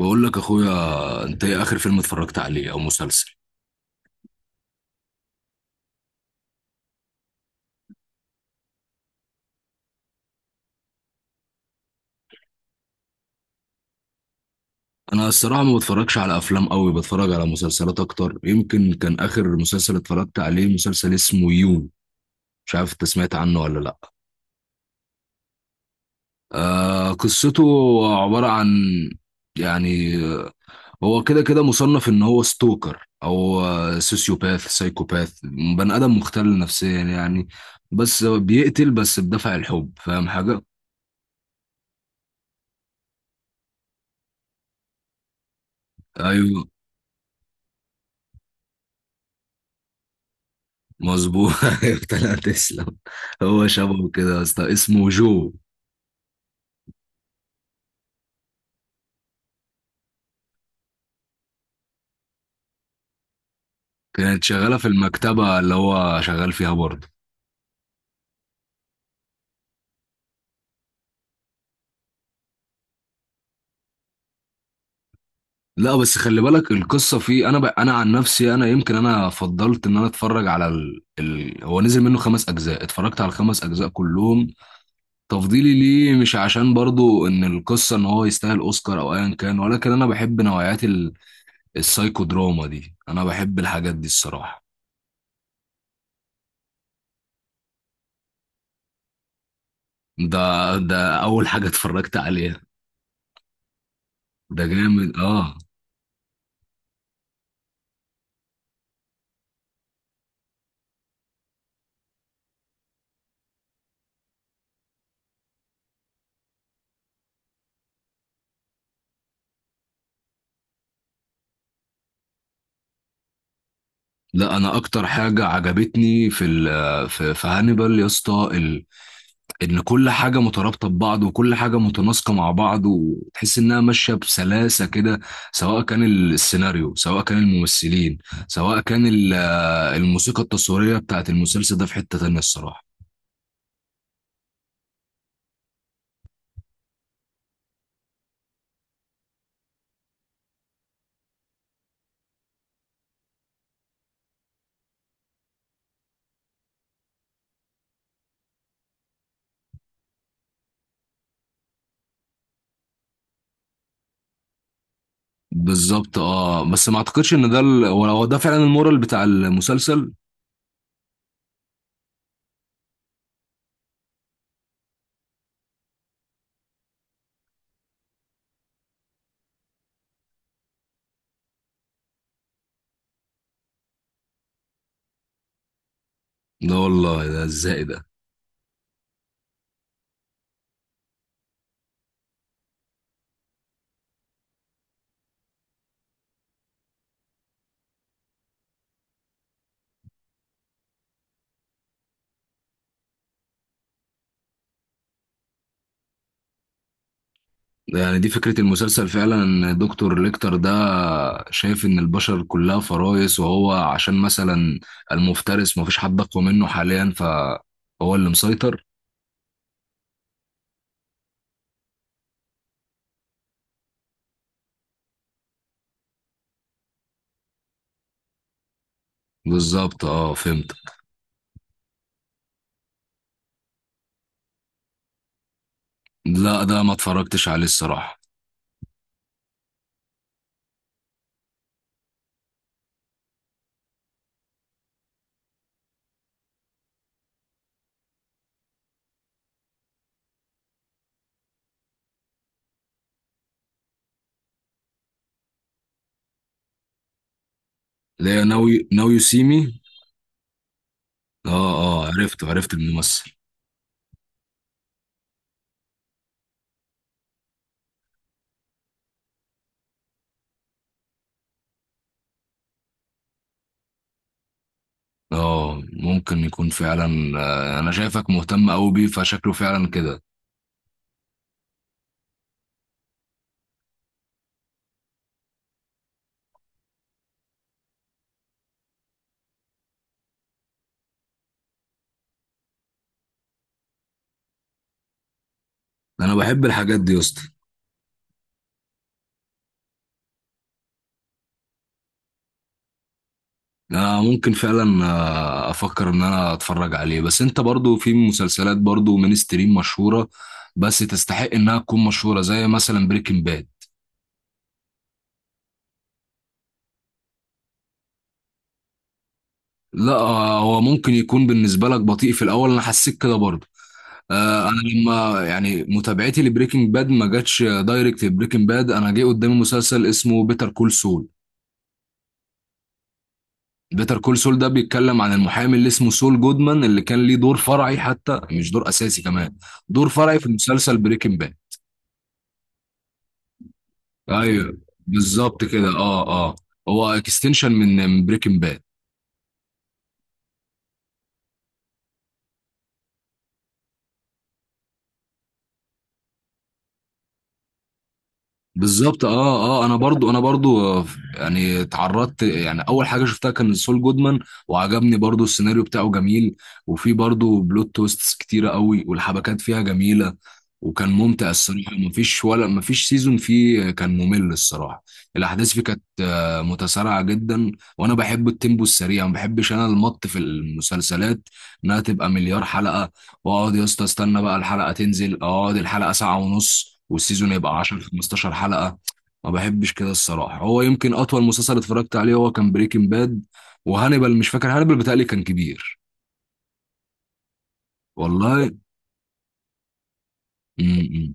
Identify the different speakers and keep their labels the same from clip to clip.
Speaker 1: بقول لك اخويا، انت ايه اخر فيلم اتفرجت عليه او مسلسل؟ انا الصراحه ما بتفرجش على افلام قوي، بتفرج على مسلسلات اكتر. يمكن كان اخر مسلسل اتفرجت عليه مسلسل اسمه يو. مش عارف انت سمعت عنه ولا لا. آه، قصته عباره عن يعني، هو كده كده مصنف ان هو ستوكر او سوسيوباث سايكوباث. بني ادم مختل نفسيا يعني. بس بيقتل بس بدافع الحب، فاهم حاجه؟ ايوه، مظبوط. ايوه، طلعت تسلم. هو شبهه كده يا اسطى، اسمه جو. كانت شغاله في المكتبه اللي هو شغال فيها برضه. لا، بس خلي بالك القصه فيه. انا عن نفسي انا يمكن انا فضلت ان انا اتفرج على هو نزل منه 5 اجزاء، اتفرجت على الخمس اجزاء كلهم. تفضيلي ليه مش عشان برضه ان القصه ان هو يستاهل اوسكار او ايا كان، ولكن انا بحب نوعيات السايكو دراما دي. انا بحب الحاجات دي الصراحه. ده اول حاجه اتفرجت عليها. ده جامد، اه. لا، انا اكتر حاجه عجبتني في هانيبال يا اسطى، ان كل حاجه مترابطه ببعض، وكل حاجه متناسقه مع بعض، وتحس انها ماشيه بسلاسه كده. سواء كان السيناريو، سواء كان الممثلين، سواء كان الموسيقى التصويريه بتاعت المسلسل، ده في حته تانيه الصراحه. بالظبط، اه. بس ما اعتقدش ان ده هو ده فعلا المورال بتاع المسلسل. لا والله، ده ازاي ده؟ يعني دي فكرة المسلسل فعلا، ان دكتور ليكتر ده شايف ان البشر كلها فرائس، وهو عشان مثلا المفترس مفيش حد اقوى منه حاليا، فهو اللي مسيطر. بالظبط، اه، فهمت. لا، ده ما اتفرجتش عليه الصراحة. اللي هي ناو يو سي مي. اه، اه، عرفت عرفت الممثل. اه، ممكن يكون فعلا. انا شايفك مهتم قوي بيه، فشكله فعلا كده. انا بحب الحاجات دي يا اسطى. آه، ممكن فعلا. افكر ان انا اتفرج عليه. بس انت برضو في مسلسلات برضو مينستريم مشهورة، بس تستحق انها تكون مشهورة، زي مثلا بريكنج باد. لا، هو ممكن يكون بالنسبة لك بطيء في الاول. انا حسيت كده برضو. انا لما يعني متابعتي لبريكنج باد ما جاتش دايركت، بريكنج باد انا جه قدامي مسلسل اسمه بيتر كول سول. بيتر كول سول ده بيتكلم عن المحامي اللي اسمه سول جودمان، اللي كان ليه دور فرعي حتى مش دور اساسي كمان، دور فرعي في مسلسل بريكنج باد. ايوه، بالظبط كده، اه، اه. هو اكستنشن من بريكنج باد. بالظبط، اه، اه. انا برضو يعني اتعرضت، يعني اول حاجه شفتها كان سول جودمان. وعجبني برضو، السيناريو بتاعه جميل. وفي برضو بلوت تويستس كتيره قوي، والحبكات فيها جميله. وكان ممتع الصراحه، مفيش ولا مفيش سيزون فيه كان ممل الصراحه. الاحداث فيه كانت متسارعه جدا. وانا بحب التيمبو السريع، ما بحبش انا المط في المسلسلات، انها تبقى مليار حلقه. واقعد يا اسطى استنى بقى الحلقه تنزل، اقعد الحلقه ساعه ونص، والسيزون يبقى 10 15 حلقه. ما بحبش كده الصراحه. هو يمكن اطول مسلسل اتفرجت عليه هو كان بريكنج باد وهانيبال. مش فاكر هانيبال، بتهيألي كان كبير. والله. امم.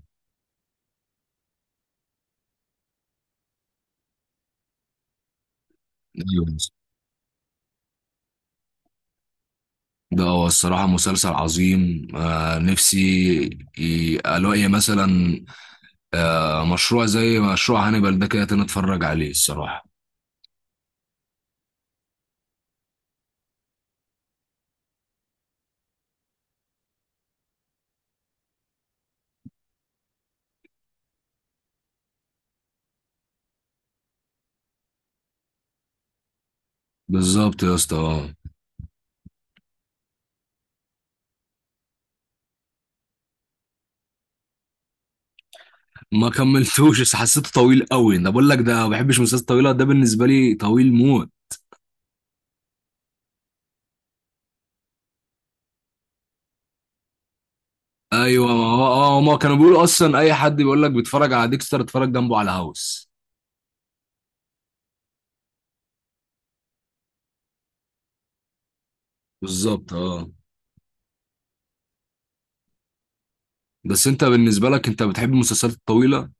Speaker 1: ايوه يا اسطى. ده هو الصراحه مسلسل عظيم. نفسي الاقي مثلا مشروع زي مشروع هانيبال ده كده تاني، اتفرج عليه الصراحه. بالظبط يا اسطى. ما كملتوش، بس حسيته طويل قوي. انا بقول لك ده ما بحبش المسلسلات الطويله، ده بالنسبه لي طويل موت. ايوه، ما هو ما كانوا بيقولوا اصلا، اي حد بيقول لك بيتفرج على ديكستر اتفرج جنبه على هاوس. بالظبط، اه. بس انت بالنسبه لك انت بتحب المسلسلات الطويله؟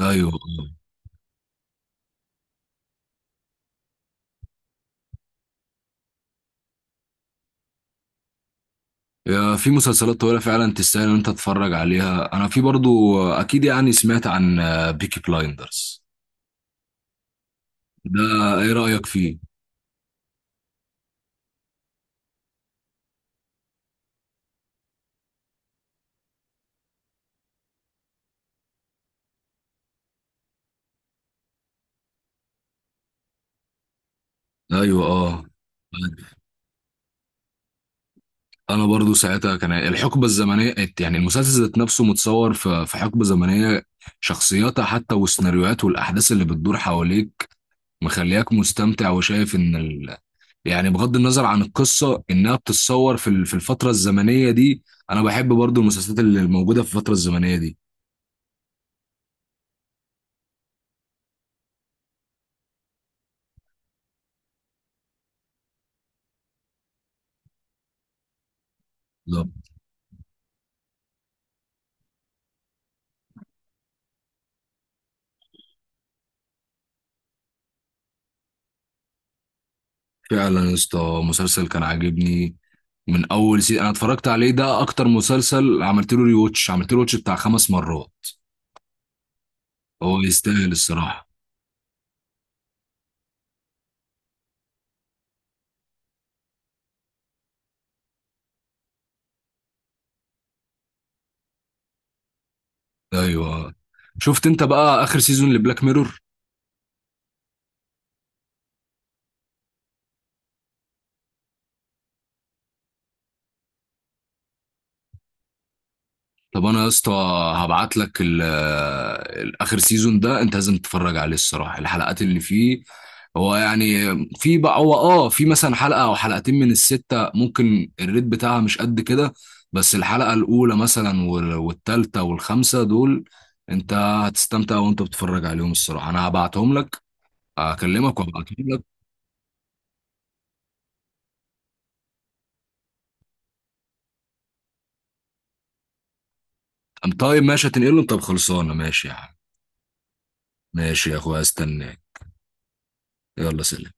Speaker 1: ايوه، يا، في مسلسلات طويله فعلا تستاهل ان انت تتفرج عليها. انا في برضو اكيد يعني سمعت عن بيكي بلايندرز. ده ايه رايك فيه؟ ايوه، اه. انا برضو ساعتها كان الحقبه الزمنيه، يعني المسلسل ذات نفسه متصور في حقبه زمنيه، شخصياتها حتى والسيناريوهات والاحداث اللي بتدور حواليك مخلياك مستمتع وشايف ان يعني بغض النظر عن القصه، انها بتتصور في الفتره الزمنيه دي. انا بحب برضو المسلسلات اللي موجوده في الفتره الزمنيه دي. بالظبط فعلا يا اسطى، مسلسل كان عاجبني من اول سي انا اتفرجت عليه. ده اكتر مسلسل عملت له ريوتش بتاع 5 مرات. هو يستاهل الصراحه. ايوه، شفت انت بقى اخر سيزون لبلاك ميرور؟ طب انا يا اسطى هبعت لك الاخر سيزون ده، انت لازم تتفرج عليه الصراحه. الحلقات اللي فيه، هو يعني، في بقى هو في مثلا حلقه او حلقتين من السته ممكن الريت بتاعها مش قد كده. بس الحلقه الاولى مثلا والتالته والخامسه دول، انت هتستمتع وانت بتتفرج عليهم الصراحه. انا هبعتهم لك، اكلمك وابعتهم لك. طيب ماشي، هتنقلهم. طب خلصانه، ماشي يا عم. ماشي يا اخويا، استناك. يلا، سلام.